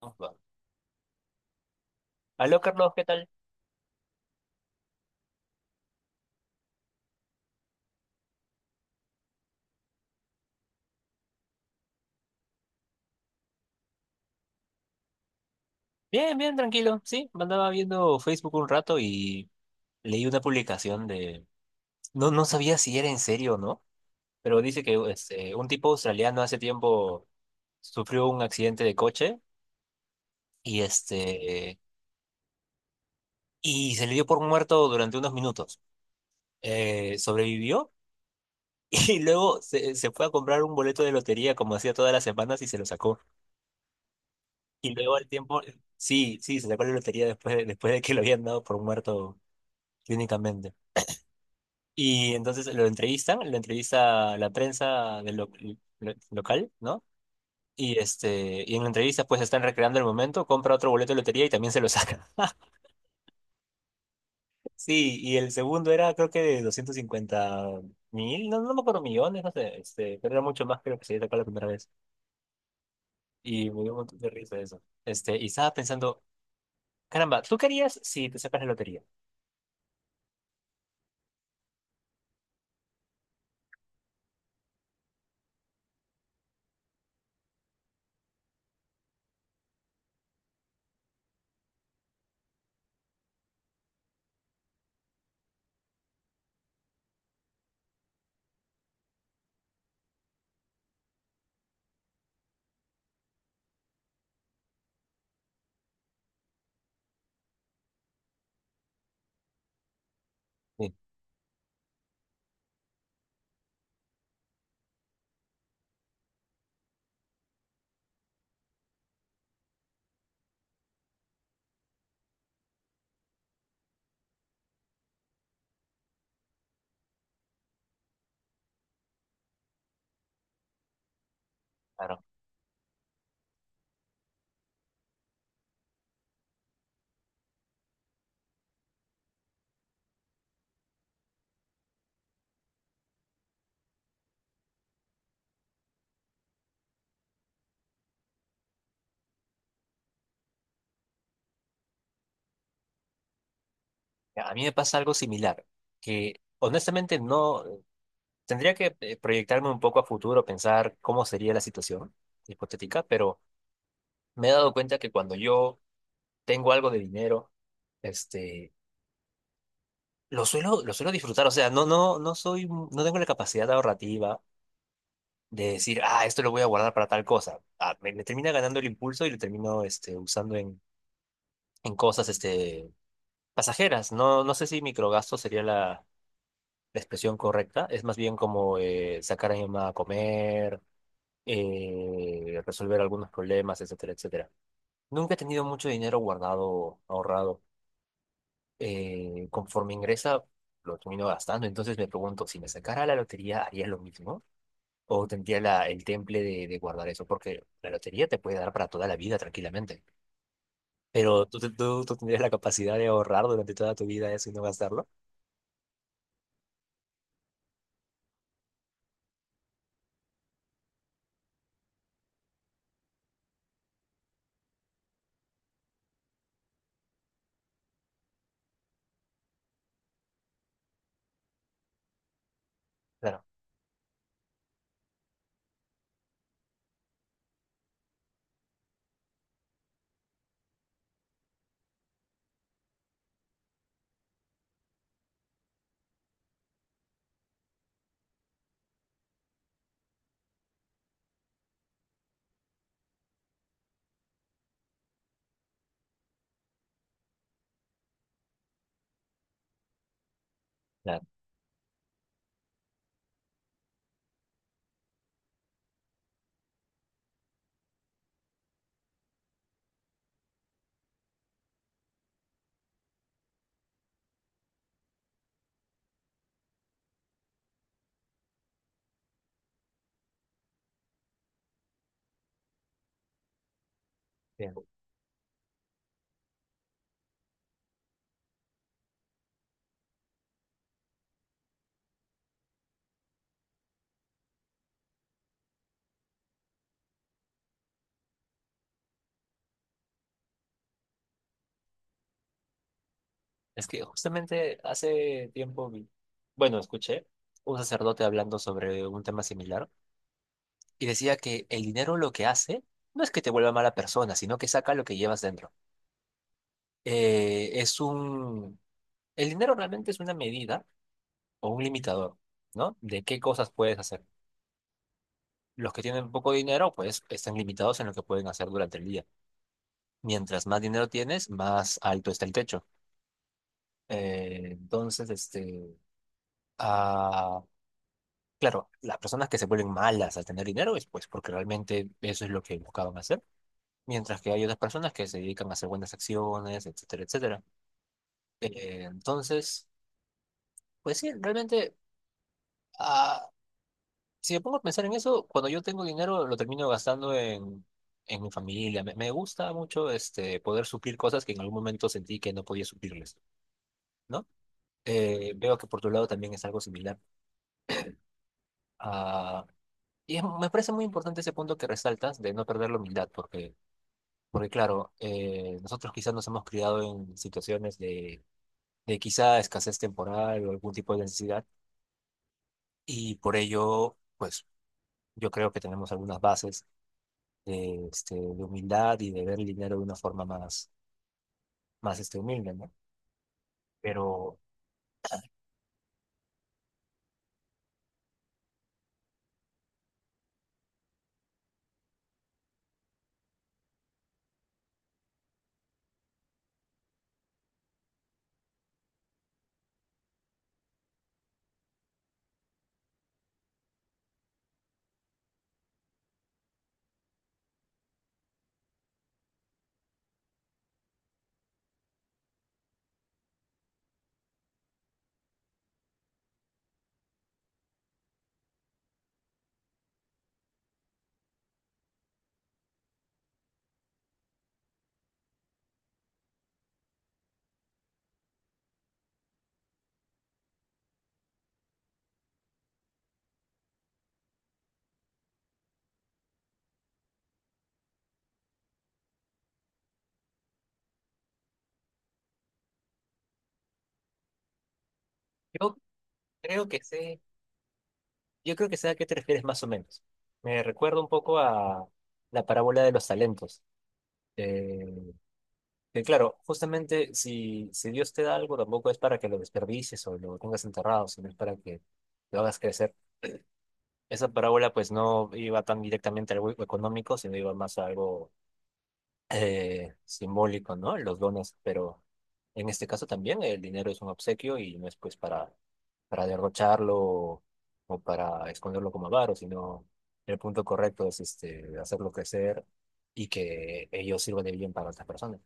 Vamos, va. Aló, Carlos, ¿qué tal? Bien, bien, tranquilo. Sí, me andaba viendo Facebook un rato y leí una publicación. No, no sabía si era en serio o no, pero dice que un tipo australiano hace tiempo sufrió un accidente de coche y, este, y se le dio por muerto durante unos minutos. Sobrevivió y luego se fue a comprar un boleto de lotería como hacía todas las semanas y se lo sacó. Y luego al tiempo, sí, sí, se sacó la lotería después de que lo habían dado por muerto clínicamente. Y entonces lo entrevistan, lo entrevista la prensa local, ¿no? Y en la entrevista pues están recreando el momento, compra otro boleto de lotería y también se lo saca. Sí, y el segundo era creo que de 250.000, no, no me acuerdo, millones, no sé, pero era mucho más creo que se había sacado la primera vez. Y me dio un montón de risa eso. Y estaba pensando, caramba, ¿tú querías si te sacas la lotería? Sí, claro. A mí me pasa algo similar, que honestamente no. Tendría que proyectarme un poco a futuro, pensar cómo sería la situación hipotética, pero me he dado cuenta que cuando yo tengo algo de dinero, este, lo suelo disfrutar. O sea, no, no, no soy, no tengo la capacidad ahorrativa de decir, ah, esto lo voy a guardar para tal cosa. Ah, me termina ganando el impulso y lo termino, usando en, en cosas, pasajeras. No, no sé si microgasto sería la expresión correcta. Es más bien como sacar a mi mamá a comer, resolver algunos problemas, etcétera, etcétera. Nunca he tenido mucho dinero guardado, ahorrado. Conforme ingresa, lo termino gastando. Entonces me pregunto, si me sacara la lotería, ¿haría lo mismo? ¿O tendría la, el temple de guardar eso? Porque la lotería te puede dar para toda la vida tranquilamente. Pero tú, tú tendrías la capacidad de ahorrar durante toda tu vida eso y no gastarlo. Claro, claro. Bien. Es que justamente hace tiempo, bueno, escuché un sacerdote hablando sobre un tema similar y decía que el dinero lo que hace no es que te vuelva mala persona, sino que saca lo que llevas dentro. Eh, es un... El dinero realmente es una medida o un limitador, ¿no? De qué cosas puedes hacer. Los que tienen poco dinero, pues están limitados en lo que pueden hacer durante el día. Mientras más dinero tienes, más alto está el techo. Eh, entonces, este... ah, claro, las personas que se vuelven malas al tener dinero es pues porque realmente eso es lo que buscaban hacer, mientras que hay otras personas que se dedican a hacer buenas acciones, etcétera, etcétera. Entonces, pues sí, realmente, ah, si me pongo a pensar en eso, cuando yo tengo dinero lo termino gastando en mi familia. Me gusta mucho, poder suplir cosas que en algún momento sentí que no podía suplirles, ¿no? Veo que por tu lado también es algo similar. Ah, y me parece muy importante ese punto que resaltas de no perder la humildad, porque, porque claro, nosotros quizás nos hemos criado en situaciones de quizá escasez temporal o algún tipo de necesidad. Y por ello, pues yo creo que tenemos algunas bases de humildad y de ver el dinero de una forma más humilde, ¿no? Pero yo creo que sé a qué te refieres más o menos. Me recuerda un poco a la parábola de los talentos. Eh, que claro, justamente si Dios te da algo, tampoco es para que lo desperdicies o lo tengas enterrado, sino es para que lo hagas crecer. Esa parábola pues no iba tan directamente a algo económico, sino iba más a algo simbólico, ¿no? Los dones, pero en este caso también el dinero es un obsequio y no es pues para derrocharlo, o para esconderlo como avaro, sino el punto correcto es, hacerlo crecer y que ellos sirvan de bien para otras personas.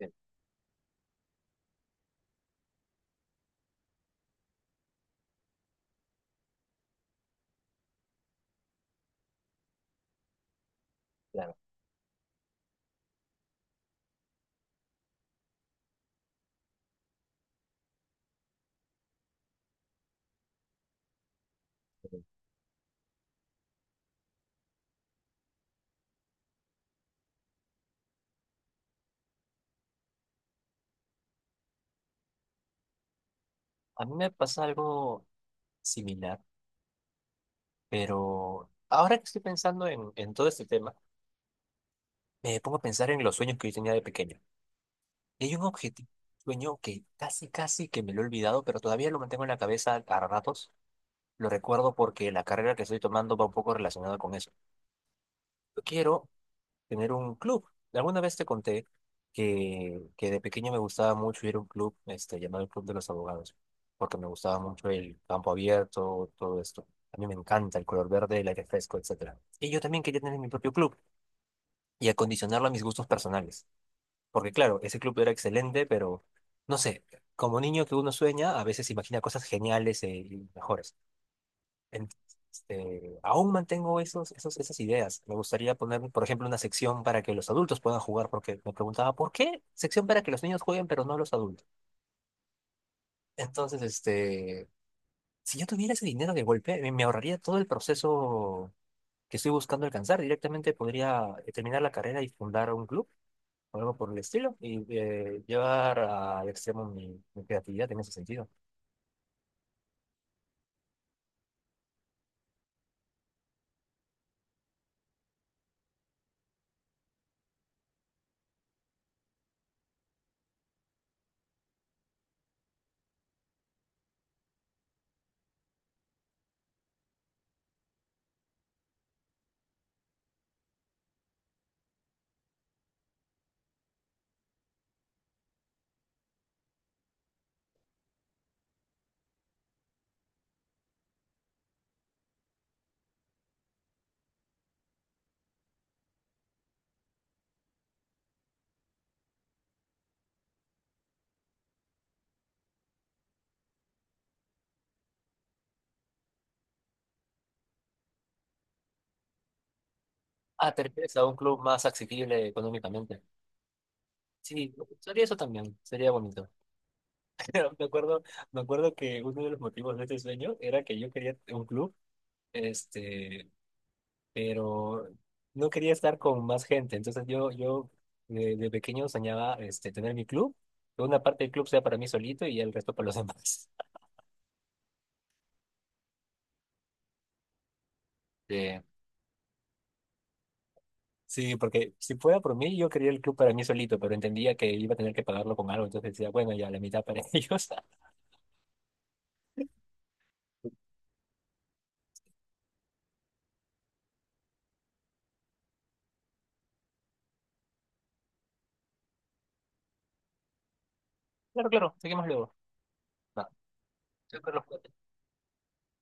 Sí, claro. A mí me pasa algo similar, pero ahora que estoy pensando en todo este tema, me pongo a pensar en los sueños que yo tenía de pequeño. Y hay un objetivo, sueño que casi, casi que me lo he olvidado, pero todavía lo mantengo en la cabeza a ratos. Lo recuerdo porque la carrera que estoy tomando va un poco relacionada con eso. Yo quiero tener un club. Alguna vez te conté que de pequeño me gustaba mucho ir a un club, llamado el Club de los Abogados, porque me gustaba mucho el campo abierto, todo esto. A mí me encanta el color verde, el aire fresco, etcétera. Y yo también quería tener mi propio club y acondicionarlo a mis gustos personales. Porque claro, ese club era excelente, pero no sé, como niño que uno sueña, a veces imagina cosas geniales, y mejores. En- Aún mantengo esos, esas ideas. Me gustaría poner, por ejemplo, una sección para que los adultos puedan jugar, porque me preguntaba, ¿por qué sección para que los niños jueguen, pero no los adultos? Entonces, si yo tuviera ese dinero de golpe, me ahorraría todo el proceso que estoy buscando alcanzar. Directamente podría, terminar la carrera y fundar un club, o algo por el estilo, y llevar al extremo mi creatividad en ese sentido. Ah, te refieres a un club más accesible económicamente. Sí, sería eso también, sería bonito. Pero me acuerdo, que uno de los motivos de este sueño era que yo quería un club, este, pero no quería estar con más gente. Entonces yo de pequeño soñaba, tener mi club, que una parte del club sea para mí solito y el resto para los demás. Sí, sí, porque si fuera por mí, yo quería el club para mí solito, pero entendía que iba a tener que pagarlo con algo, entonces decía, bueno, ya la mitad para ellos. Claro, claro, seguimos luego. No, siempre los